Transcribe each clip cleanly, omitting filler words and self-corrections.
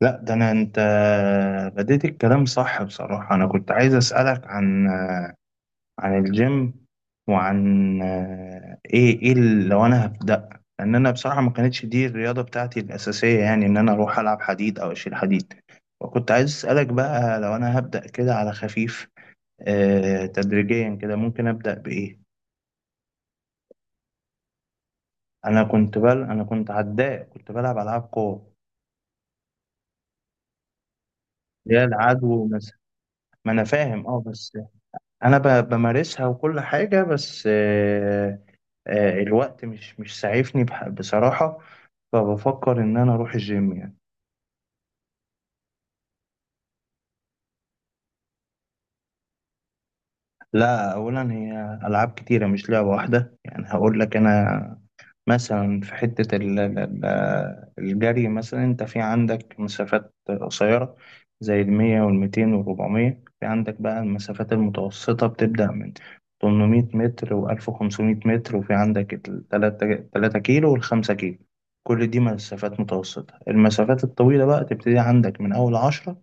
لا، ده انا. انت بديت الكلام صح. بصراحة، انا كنت عايز اسألك عن الجيم، وعن لو انا هبدأ. لان انا بصراحة ما كانتش دي الرياضة بتاعتي الاساسية، يعني ان انا اروح العب حديد او اشيل حديد. وكنت عايز اسألك بقى لو انا هبدأ كده على خفيف، تدريجيا كده. ممكن ابدأ بايه؟ انا كنت انا كنت عداء، كنت بلعب العاب قوة، اللي هي العدو مثلا. ما انا فاهم، بس انا بمارسها وكل حاجه. بس الوقت مش سعيفني بصراحه، فبفكر ان انا اروح الجيم يعني. لا، اولا هي العاب كتيره، مش لعبه واحده. يعني هقول لك انا مثلا في حتة الجري مثلا. انت في عندك مسافات قصيرة زي الـ100 والـ200 والـ400. في عندك بقى المسافات المتوسطة، بتبدأ من 800 متر، و1500 متر، وفي عندك 3 كيلو، والـ5 كيلو، كل دي مسافات متوسطة. المسافات الطويلة بقى تبتدي عندك من أول 10،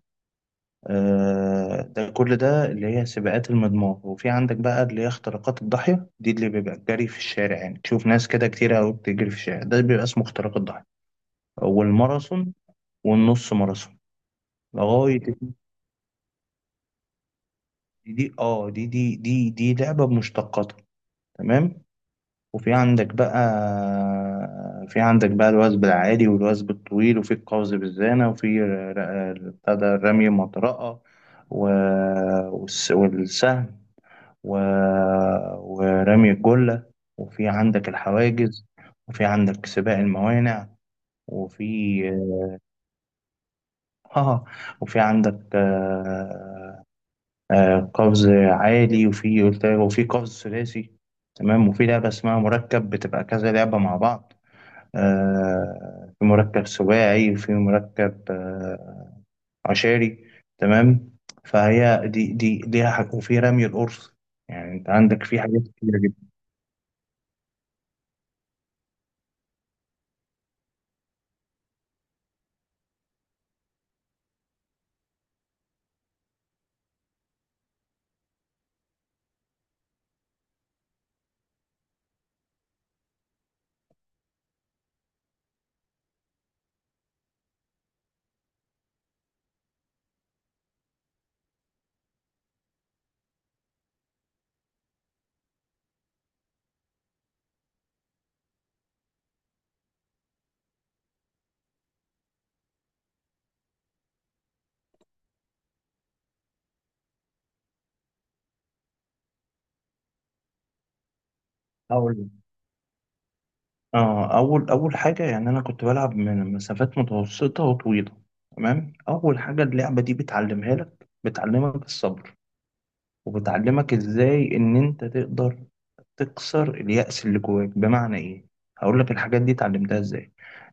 ده كل ده اللي هي سباقات المضمار. وفي عندك بقى اللي هي اختراقات الضاحية، دي اللي بيبقى الجري في الشارع. يعني تشوف ناس كده كتير أوي بتجري في الشارع، ده بيبقى اسمه اختراق الضاحية، والماراثون، والنص ماراثون. لغاية دي، دي دي لعبة بمشتقاتها، تمام. وفي عندك بقى في عندك بقى الوثب العالي والوثب الطويل، وفي القفز بالزانة، وفي ر- ر- بتاع ده رمي المطرقة، و- والسهم، و... ورمي الجلة، وفي عندك الحواجز، وفي عندك سباق الموانع. وفي اه وفي عندك قفز عالي، وفي قلت وفي قفز ثلاثي، تمام. وفي لعبة اسمها مركب، بتبقى كذا لعبة مع بعض. في مركب سباعي، وفي مركب عشاري، تمام. فهي دي ليها حاجة. وفي رمي القرص. يعني انت عندك في حاجات كتيرة جدا. اول حاجه، يعني انا كنت بلعب من مسافات متوسطه وطويله. تمام، اول حاجه اللعبه دي بتعلمها لك، بتعلمك الصبر، وبتعلمك ازاي ان انت تقدر تكسر اليأس اللي جواك. بمعنى ايه؟ هقول لك الحاجات دي اتعلمتها ازاي.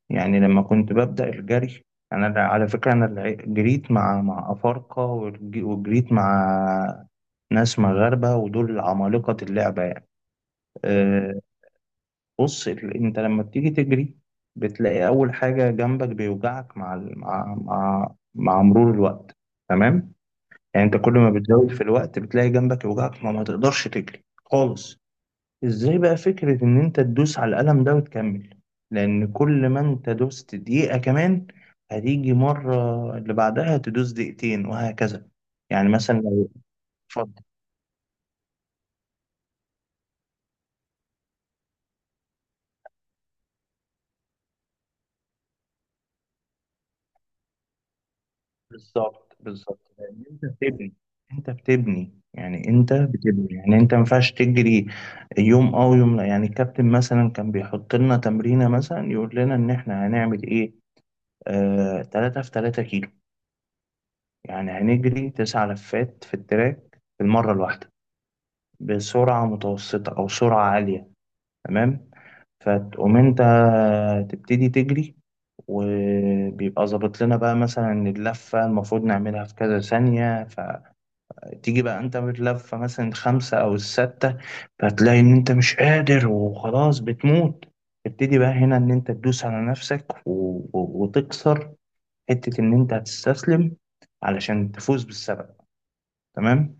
يعني لما كنت ببدأ الجري، انا على فكره، انا جريت مع افارقه، وجريت مع ناس مغاربه، ودول عمالقه اللعبه يعني. آه، بص، انت لما بتيجي تجري، بتلاقي اول حاجه جنبك بيوجعك مع ال- مع مع, مع مرور الوقت، تمام. يعني انت كل ما بتزود في الوقت، بتلاقي جنبك يوجعك، ما تقدرش تجري خالص. ازاي بقى فكره ان انت تدوس على القلم ده وتكمل؟ لان كل ما انت دوست دقيقه كمان، هتيجي مره اللي بعدها تدوس دقيقتين وهكذا. يعني مثلا، لو بالظبط بالظبط، لان انت بتبني. انت بتبني، يعني انت ما ينفعش تجري يوم اه ويوم لا. يعني الكابتن مثلا كان بيحط لنا تمرينه، مثلا يقول لنا ان احنا هنعمل ايه. 3 في 3 كيلو، يعني هنجري 9 لفات في التراك في المره الواحده، بسرعه متوسطه او سرعه عاليه، تمام. فتقوم انت تبتدي تجري، وبيبقى ظابط لنا بقى مثلا اللفة المفروض نعملها في كذا ثانية. تيجي بقى انت بتلف مثلا الخمسة او الستة، فتلاقي ان انت مش قادر وخلاص بتموت. تبتدي بقى هنا ان انت تدوس على نفسك وتكسر حتة ان انت هتستسلم، علشان تفوز بالسبب. تمام.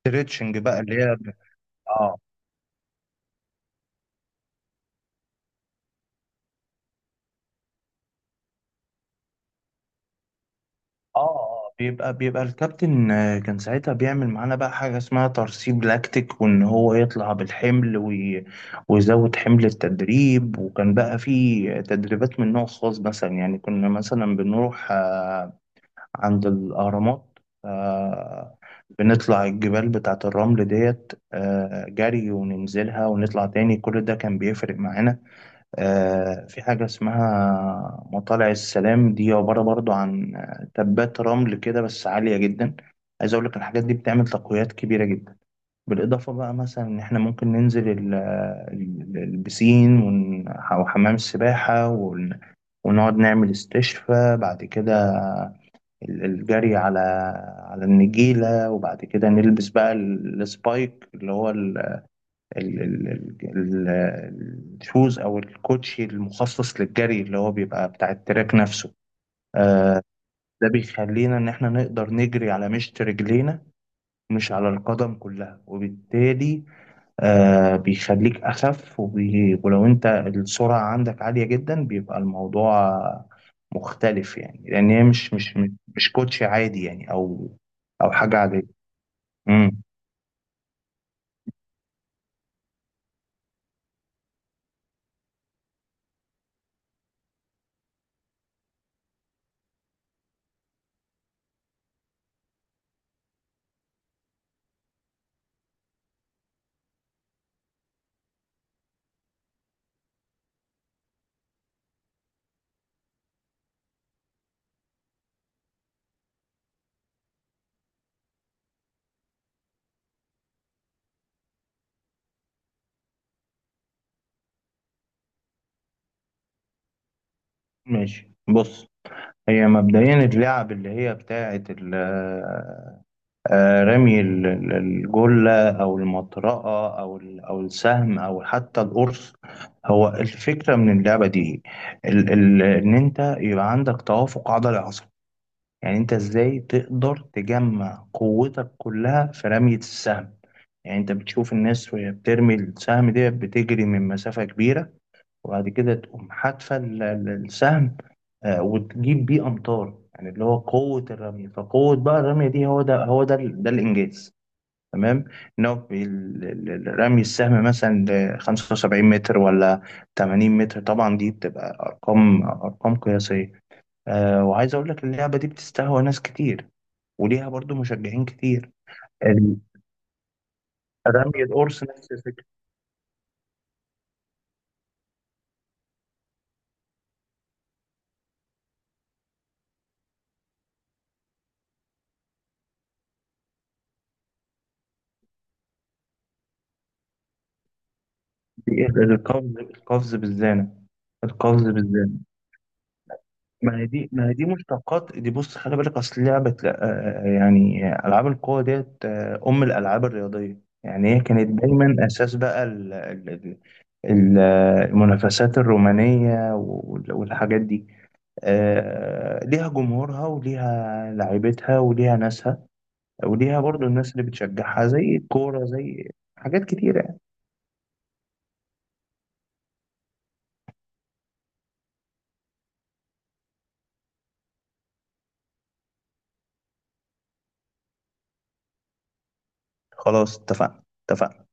ستريتشنج بقى اللي هي. اه اه بيبقى الكابتن، كان ساعتها بيعمل معانا بقى حاجة اسمها ترسيب لاكتيك، وان هو يطلع بالحمل ويزود حمل التدريب. وكان بقى في تدريبات من نوع خاص، مثلا يعني كنا مثلا بنروح عند الأهرامات، آه، بنطلع الجبال بتاعة الرمل ديت، جري، وننزلها ونطلع تاني، كل ده كان بيفرق معانا. في حاجة اسمها مطالع السلام، دي عبارة برضو عن تبات رمل كده بس عالية جدا. عايز أقول لك الحاجات دي بتعمل تقويات كبيرة جدا. بالإضافة بقى، مثلا إن إحنا ممكن ننزل البسين، أو حمام السباحة، ونقعد نعمل استشفاء بعد كده. الجري على النجيلة، وبعد كده نلبس بقى السبايك، اللي هو ال- ال- ال- ال- الشوز او الكوتشي المخصص للجري، اللي هو بيبقى بتاع التراك نفسه. آه، ده بيخلينا ان احنا نقدر نجري على مشط رجلينا، مش على القدم كلها، وبالتالي بيخليك اخف، ولو انت السرعة عندك عالية جدا، بيبقى الموضوع مختلف. يعني لان هي مش كوتشي عادي، يعني او حاجة عادية. امم ماشي. بص، هي مبدئيا اللعب اللي هي بتاعة ال آه، رمي الجلة، أو المطرقة، أو السهم، أو حتى القرص. هو الفكرة من اللعبة دي ال ال إن أنت يبقى عندك توافق عضلي عصبي. يعني أنت إزاي تقدر تجمع قوتك كلها في رمية السهم. يعني أنت بتشوف الناس وهي بترمي السهم ده، بتجري من مسافة كبيرة وبعد كده تقوم حادفة السهم. وتجيب بيه أمطار، يعني اللي هو قوة الرمية. فقوة بقى الرمية دي، هو ده الإنجاز، تمام. ان هو رمي السهم مثلا ل 75 متر ولا 80 متر، طبعا دي بتبقى ارقام، قياسيه. وعايز اقول لك اللعبه دي بتستهوى ناس كتير، وليها برضو مشجعين كتير. ال- رمي القرص نفس الفكره. دي القفز، القفز بالزانه. ما هي دي مشتقات دي. بص خلي بالك، اصل لعبه يعني العاب القوه ديت، ام الالعاب الرياضيه، يعني هي كانت دايما اساس بقى ال- المنافسات الرومانية والحاجات دي. ليها جمهورها، وليها لعيبتها، وليها ناسها، وليها برضو الناس اللي بتشجعها زي الكورة، زي حاجات كتيرة يعني. خلاص، اتفقنا، اتفقنا.